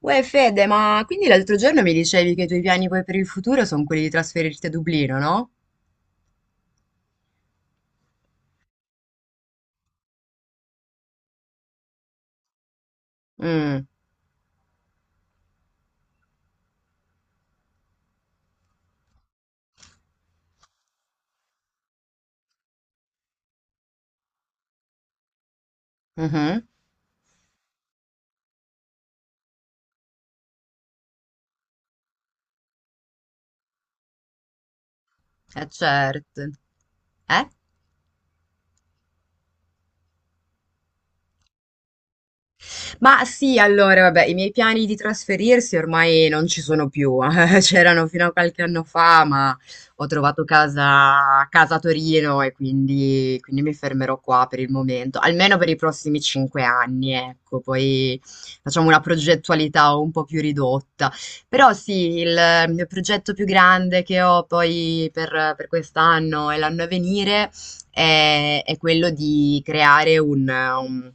Uè Fede, ma quindi l'altro giorno mi dicevi che i tuoi piani poi per il futuro sono quelli di trasferirti a Dublino, no? Mm, mhm, eh certo. Eh? Ma sì, allora, vabbè, i miei piani di trasferirsi ormai non ci sono più. C'erano fino a qualche anno fa, ma ho trovato casa a Torino e quindi mi fermerò qua per il momento, almeno per i prossimi 5 anni, ecco. Poi facciamo una progettualità un po' più ridotta. Però sì, il mio progetto più grande che ho poi per quest'anno e l'anno a venire è quello di creare un, un-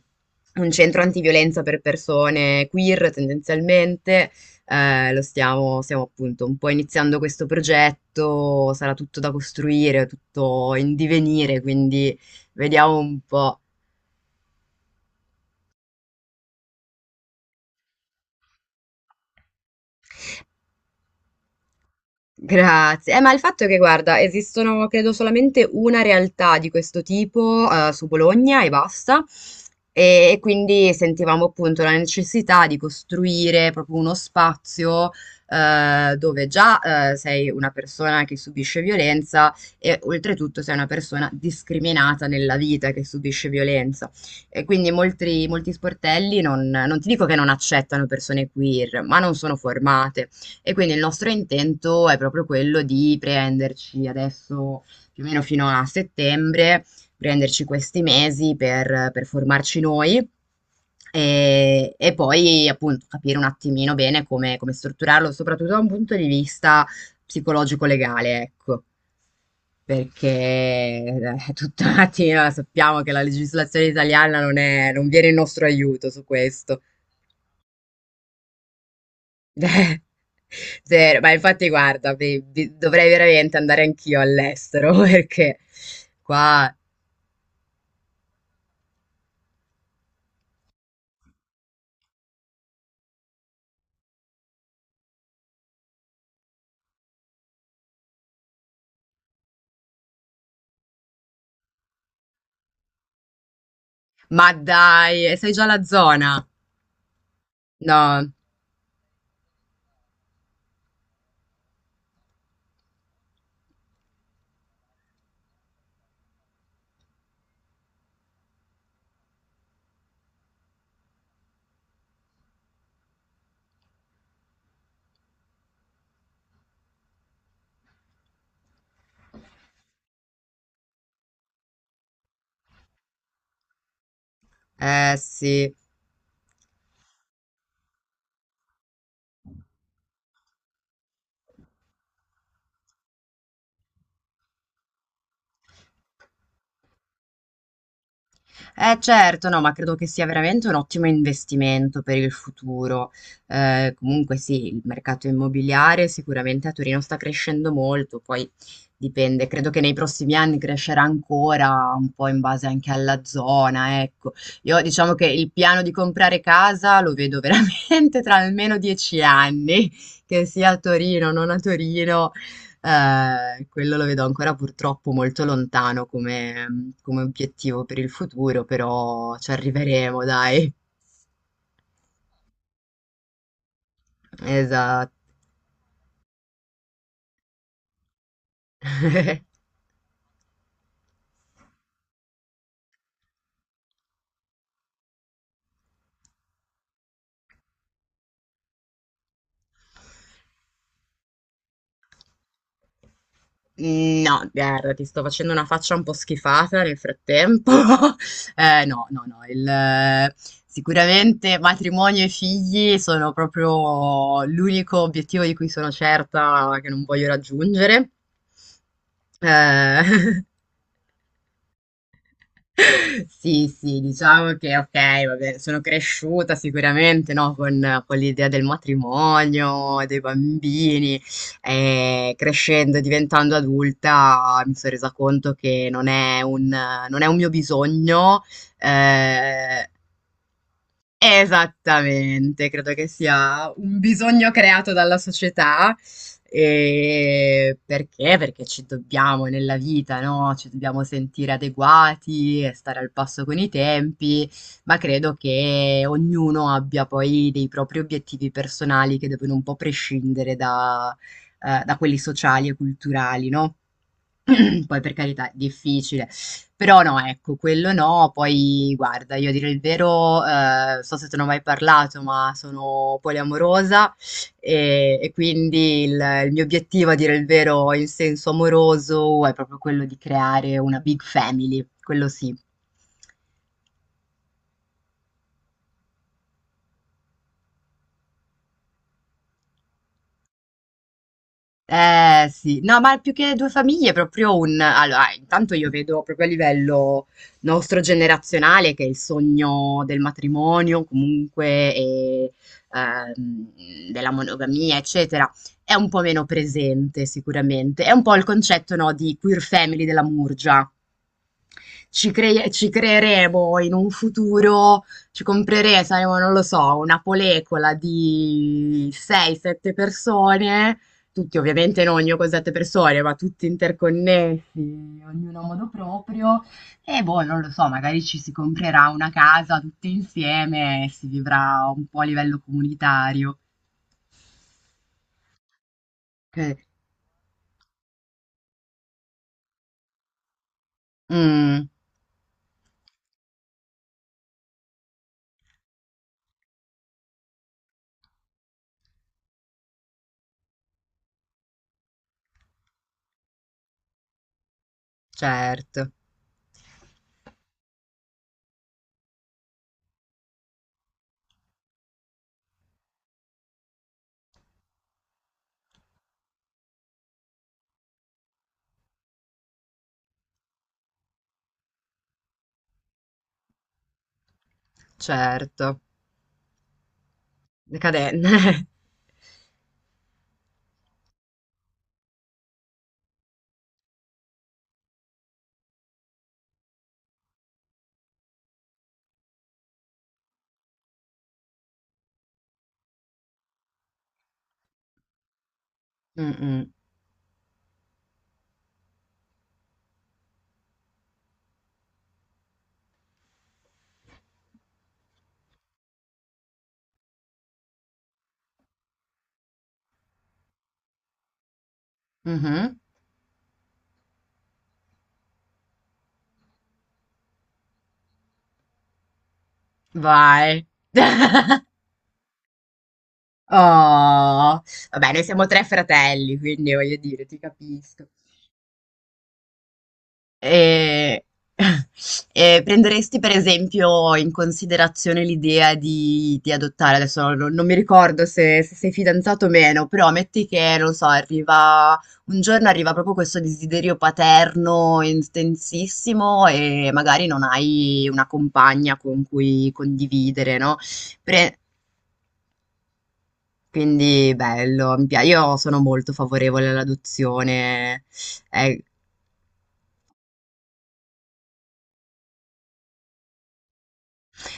un centro antiviolenza per persone queer tendenzialmente. Lo stiamo appunto un po' iniziando questo progetto, sarà tutto da costruire, tutto in divenire, quindi vediamo un po'. Grazie. Ma il fatto è che, guarda, esistono credo solamente una realtà di questo tipo, su Bologna e basta. E quindi sentivamo appunto la necessità di costruire proprio uno spazio, dove già, sei una persona che subisce violenza e oltretutto sei una persona discriminata nella vita che subisce violenza. E quindi molti sportelli non ti dico che non accettano persone queer, ma non sono formate. E quindi il nostro intento è proprio quello di prenderci adesso più o meno fino a settembre, prenderci questi mesi per formarci noi. E poi appunto capire un attimino bene come strutturarlo, soprattutto da un punto di vista psicologico-legale, ecco perché tutta la mattina sappiamo che la legislazione italiana non viene in nostro aiuto su questo. Vero, ma infatti guarda, dovrei veramente andare anch'io all'estero perché qua. Ma dai, sei già alla zona? No, eh sì. Eh certo, no, ma credo che sia veramente un ottimo investimento per il futuro. Comunque sì, il mercato immobiliare sicuramente a Torino sta crescendo molto, poi dipende, credo che nei prossimi anni crescerà ancora un po' in base anche alla zona, ecco. Io diciamo che il piano di comprare casa lo vedo veramente tra almeno 10 anni, che sia a Torino o non a Torino, quello lo vedo ancora purtroppo molto lontano come obiettivo per il futuro, però ci arriveremo, dai. Esatto. No, guarda, ti sto facendo una faccia un po' schifata nel frattempo. No, no, no, sicuramente matrimonio e figli sono proprio l'unico obiettivo di cui sono certa che non voglio raggiungere. Eh, Sì, sì, diciamo che ok, vabbè, sono cresciuta sicuramente, no, con l'idea del matrimonio, dei bambini, e crescendo e diventando adulta mi sono resa conto che non è un mio bisogno. eh, Esattamente, credo che sia un bisogno creato dalla società. Perché? Perché ci dobbiamo nella vita, no, ci dobbiamo sentire adeguati e stare al passo con i tempi, ma credo che ognuno abbia poi dei propri obiettivi personali che devono un po' prescindere da, da quelli sociali e culturali, no? Poi per carità, è difficile. Però no, ecco, quello no. Poi guarda, io a dire il vero, so se te ne ho mai parlato, ma sono poliamorosa e quindi il mio obiettivo a dire il vero in senso amoroso è proprio quello di creare una big family, quello sì. Eh sì, no, ma più che due famiglie, è proprio un. Allora, intanto io vedo proprio a livello nostro generazionale che il sogno del matrimonio, comunque, e, della monogamia, eccetera, è un po' meno presente sicuramente. È un po' il concetto, no, di queer family della Murgia. Ci creeremo in un futuro, ci compreremo, saremo, non lo so, una polecola di 6-7 persone, tutti ovviamente non io con 7 persone, ma tutti interconnessi, ognuno a modo proprio, e boh, non lo so, magari ci si comprerà una casa tutti insieme e si vivrà un po' a livello comunitario. Che- Mm, certo, certo, decadente. Mm, mm. Mhm. Vai. Oh, vabbè, noi siamo tre fratelli, quindi voglio dire, ti capisco. E, e prenderesti per esempio in considerazione l'idea di adottare, adesso non mi ricordo se sei fidanzato o meno, però metti che, non so, arriva un giorno arriva proprio questo desiderio paterno intensissimo e magari non hai una compagna con cui condividere, no? Pre- Quindi bello, io sono molto favorevole all'adozione. Eh,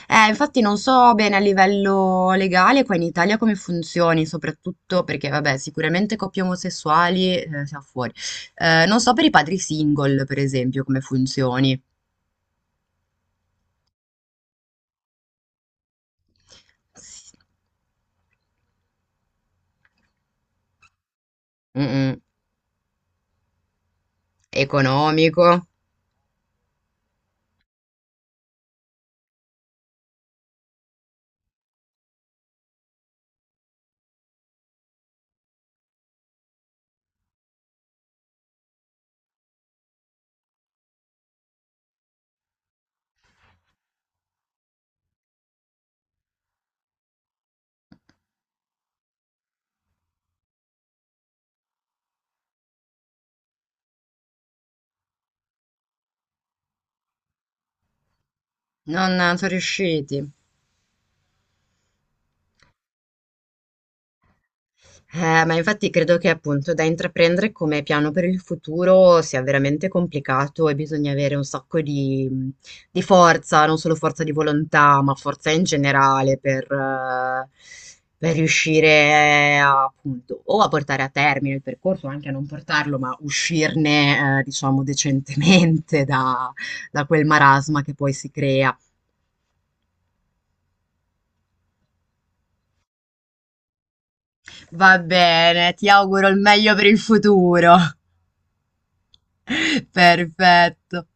infatti non so bene a livello legale qua in Italia come funzioni, soprattutto perché, vabbè, sicuramente coppie omosessuali siamo fuori. Non so per i padri single, per esempio, come funzioni. Mm, mm. Economico. Non sono riusciti. Ma infatti credo che appunto da intraprendere come piano per il futuro sia veramente complicato e bisogna avere un sacco di forza, non solo forza di volontà, ma forza in generale per riuscire a, appunto o a portare a termine il percorso, o anche a non portarlo, ma uscirne, diciamo, decentemente da quel marasma che poi si crea. Va bene, ti auguro il meglio per il futuro. Perfetto.